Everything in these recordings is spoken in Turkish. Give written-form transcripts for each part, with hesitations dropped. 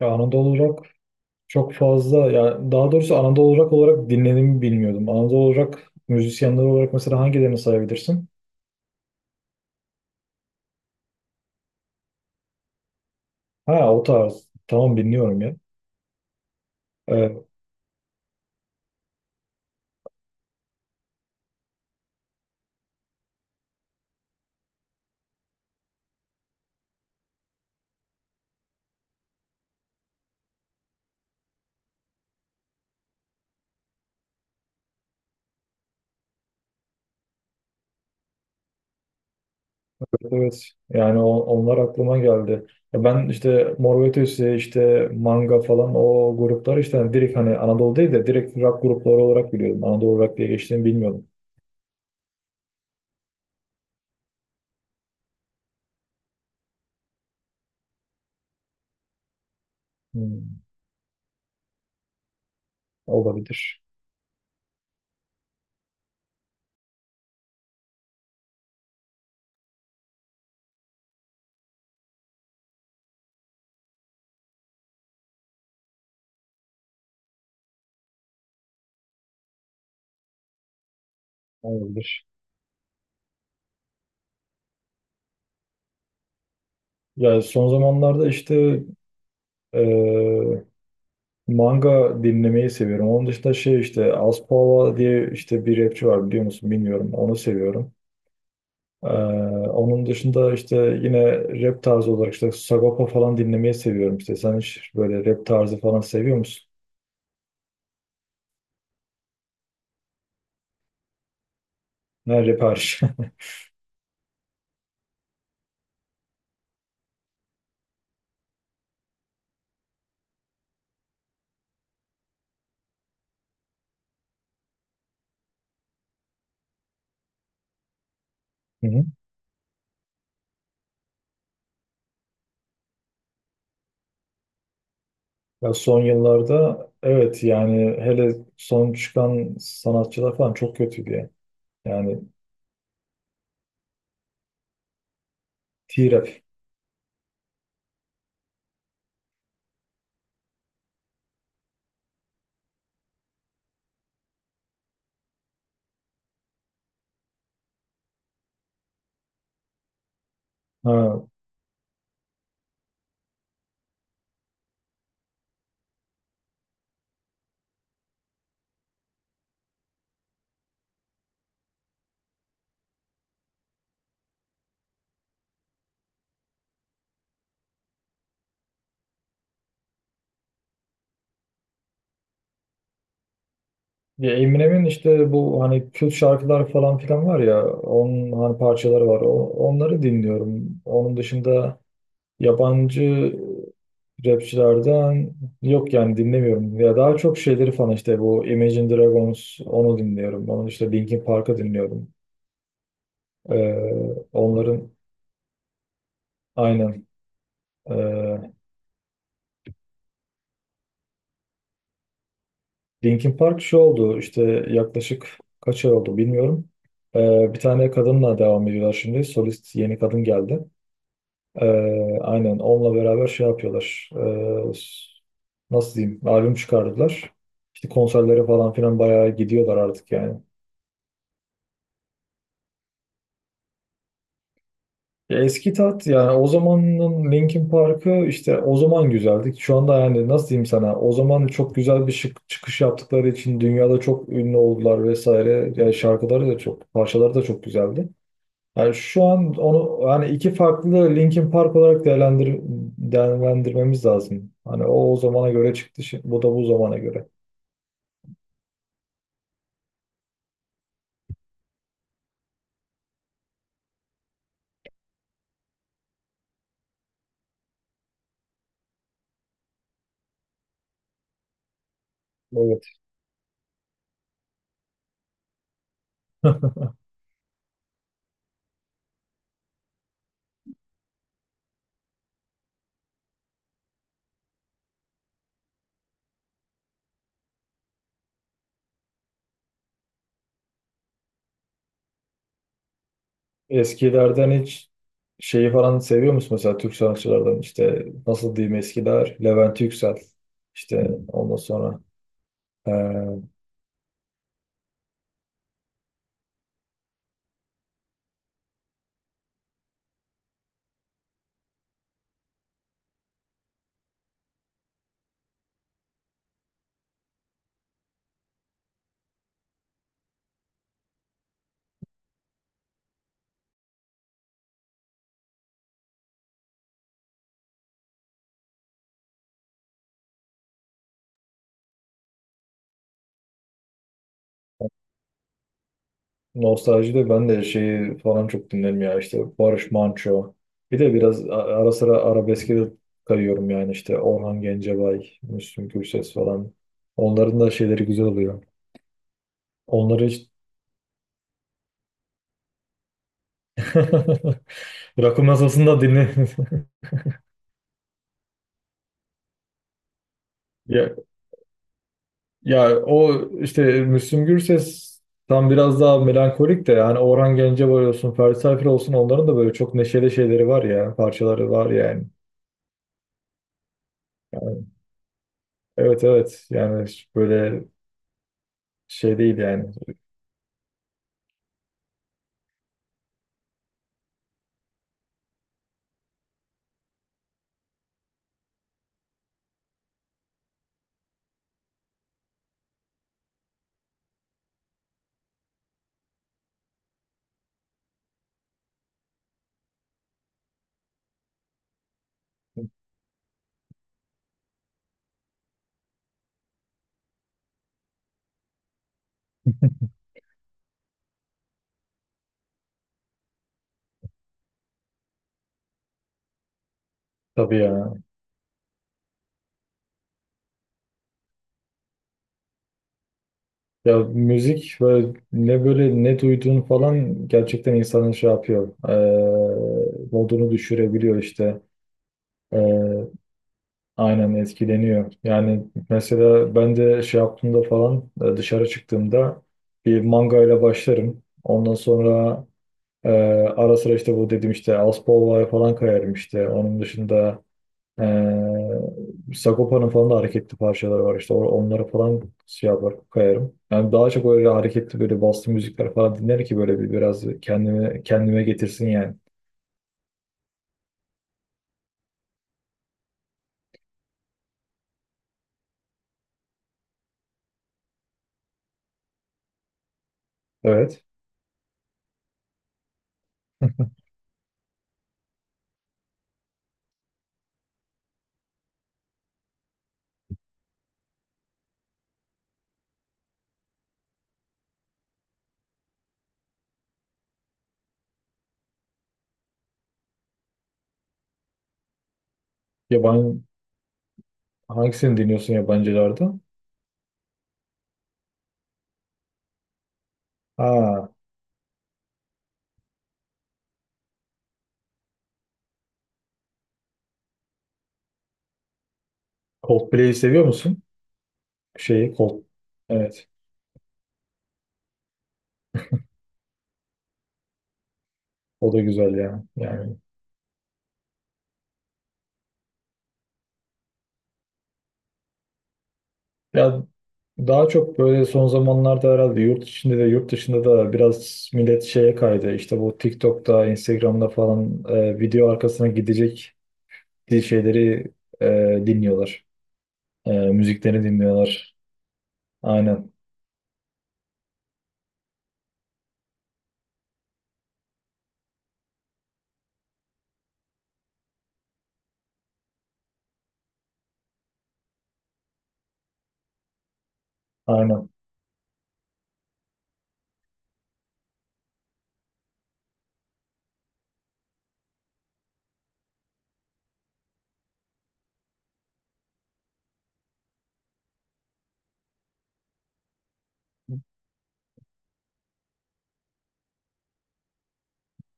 Ya Anadolu Rock çok fazla ya, daha doğrusu Anadolu Rock olarak dinlediğimi bilmiyordum. Anadolu Rock müzisyenleri olarak mesela hangilerini sayabilirsin? Ha, o tarz. Tamam, dinliyorum ya. Ee, Evet, evet. Yani onlar aklıma geldi. Ya ben işte Mor ve Ötesi, işte Manga falan, o gruplar işte hani direkt, hani Anadolu değil de direkt rock grupları olarak biliyordum. Anadolu Rock diye geçtiğini bilmiyordum. Hmm, olabilir. Olabilir. Ya son zamanlarda işte Manga dinlemeyi seviyorum. Onun dışında şey, işte Aspava diye işte bir rapçi var, biliyor musun bilmiyorum. Onu seviyorum. Ee, Onun dışında işte yine rap tarzı olarak işte Sagopa falan dinlemeyi seviyorum. İşte sen hiç böyle rap tarzı falan seviyor musun? Ha, rap hariç. Hı hı. Ya son yıllarda evet, yani hele son çıkan sanatçılar falan çok kötüydü ya. Yani T-Rap. Ha. Ya Eminem'in işte bu hani kült şarkılar falan filan var ya, onun hani parçaları var. Onları dinliyorum. Onun dışında yabancı rapçilerden yok yani, dinlemiyorum. Ya daha çok şeyleri falan, işte bu Imagine Dragons, onu dinliyorum. Onun işte Linkin Park'ı dinliyorum. Ee, Onların aynen ee, Linkin Park şu oldu işte, yaklaşık kaç ay oldu bilmiyorum. Bir tane kadınla devam ediyorlar şimdi. Solist yeni kadın geldi. Aynen, onunla beraber şey yapıyorlar. Nasıl diyeyim? Albüm çıkardılar. İşte konserlere falan filan bayağı gidiyorlar artık yani. Ya eski tat yani, o zamanın Linkin Park'ı işte o zaman güzeldi. Şu anda yani nasıl diyeyim sana? O zaman çok güzel bir şık, çıkış yaptıkları için dünyada çok ünlü oldular vesaire. Yani şarkıları da çok, parçaları da çok güzeldi. Yani şu an onu yani iki farklı Linkin Park olarak değerlendirmemiz lazım. Hani o zamana göre çıktı, şimdi, bu da bu zamana göre. Evet. Eskilerden hiç şeyi falan seviyor musun mesela? Türk sanatçılardan işte nasıl diyeyim, eskiler Levent Yüksel, işte ondan sonra nostaljide ben de şeyi falan çok dinlerim ya, işte Barış Manço. Bir de biraz ara sıra arabeske de kayıyorum yani, işte Orhan Gencebay, Müslüm Gürses falan. Onların da şeyleri güzel oluyor. Onları hiç rakı masasında dinle. Ya, ya o işte Müslüm Gürses tam biraz daha melankolik de, yani Orhan Gencebay olsun, Ferdi Tayfur olsun, onların da böyle çok neşeli şeyleri var ya, parçaları var yani. Evet, evet yani, böyle şey değil yani. Tabii ya. Ya müzik böyle ne, böyle ne duyduğun falan gerçekten insanın şey yapıyor. Modunu düşürebiliyor işte. Eee, aynen etkileniyor. Yani mesela ben de şey yaptığımda falan, dışarı çıktığımda bir manga ile başlarım. Ondan sonra e, ara sıra işte bu dedim işte Aspol var falan, kayarım işte. Onun dışında Sagopa'nın falan da hareketli parçaları var işte, onlara falan şey yapar kayarım. Yani daha çok öyle hareketli böyle bastı müzikler falan dinler ki böyle bir biraz kendime getirsin yani. Evet. Yabancı hangisini dinliyorsun, yabancılarda? Ha, Coldplay'i seviyor musun? Şeyi Cold. Evet. O da güzel yani. Yani ya daha çok böyle son zamanlarda herhalde yurt içinde de yurt dışında da biraz millet şeye kaydı. İşte bu TikTok'ta, Instagram'da falan, video arkasına gidecek şeyleri e, dinliyorlar. E, müziklerini dinliyorlar. Aynen. Aynen.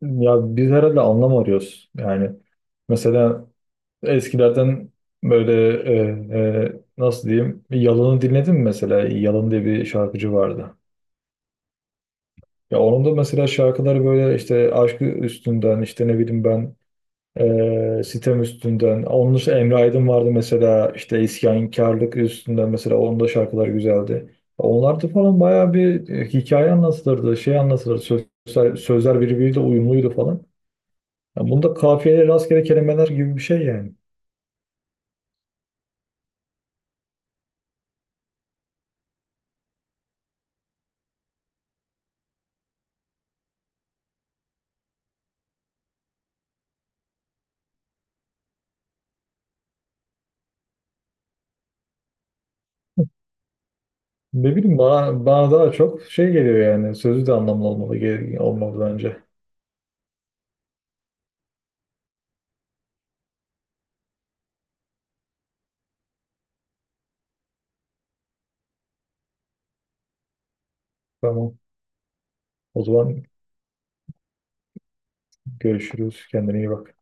Ya biz herhalde anlam arıyoruz. Yani mesela eskilerden böyle nasıl diyeyim, Yalan'ı dinledin mi mesela? Yalan diye bir şarkıcı vardı. Ya onun da mesela şarkıları böyle, işte aşkı üstünden, işte ne bileyim ben, sitem üstünden. Onun dışında Emre Aydın vardı mesela, işte isyankarlık üstünden mesela, onun da şarkıları güzeldi. Onlar da falan bayağı bir hikaye anlatılırdı, şey anlatılırdı. Sözler birbiriyle uyumluydu falan. Yani bunda kafiyeli rastgele kelimeler gibi bir şey yani. Ne bileyim, bana, bana daha çok şey geliyor yani. Sözü de anlamlı olmalı, olmalı bence. Tamam. O zaman görüşürüz. Kendine iyi bak.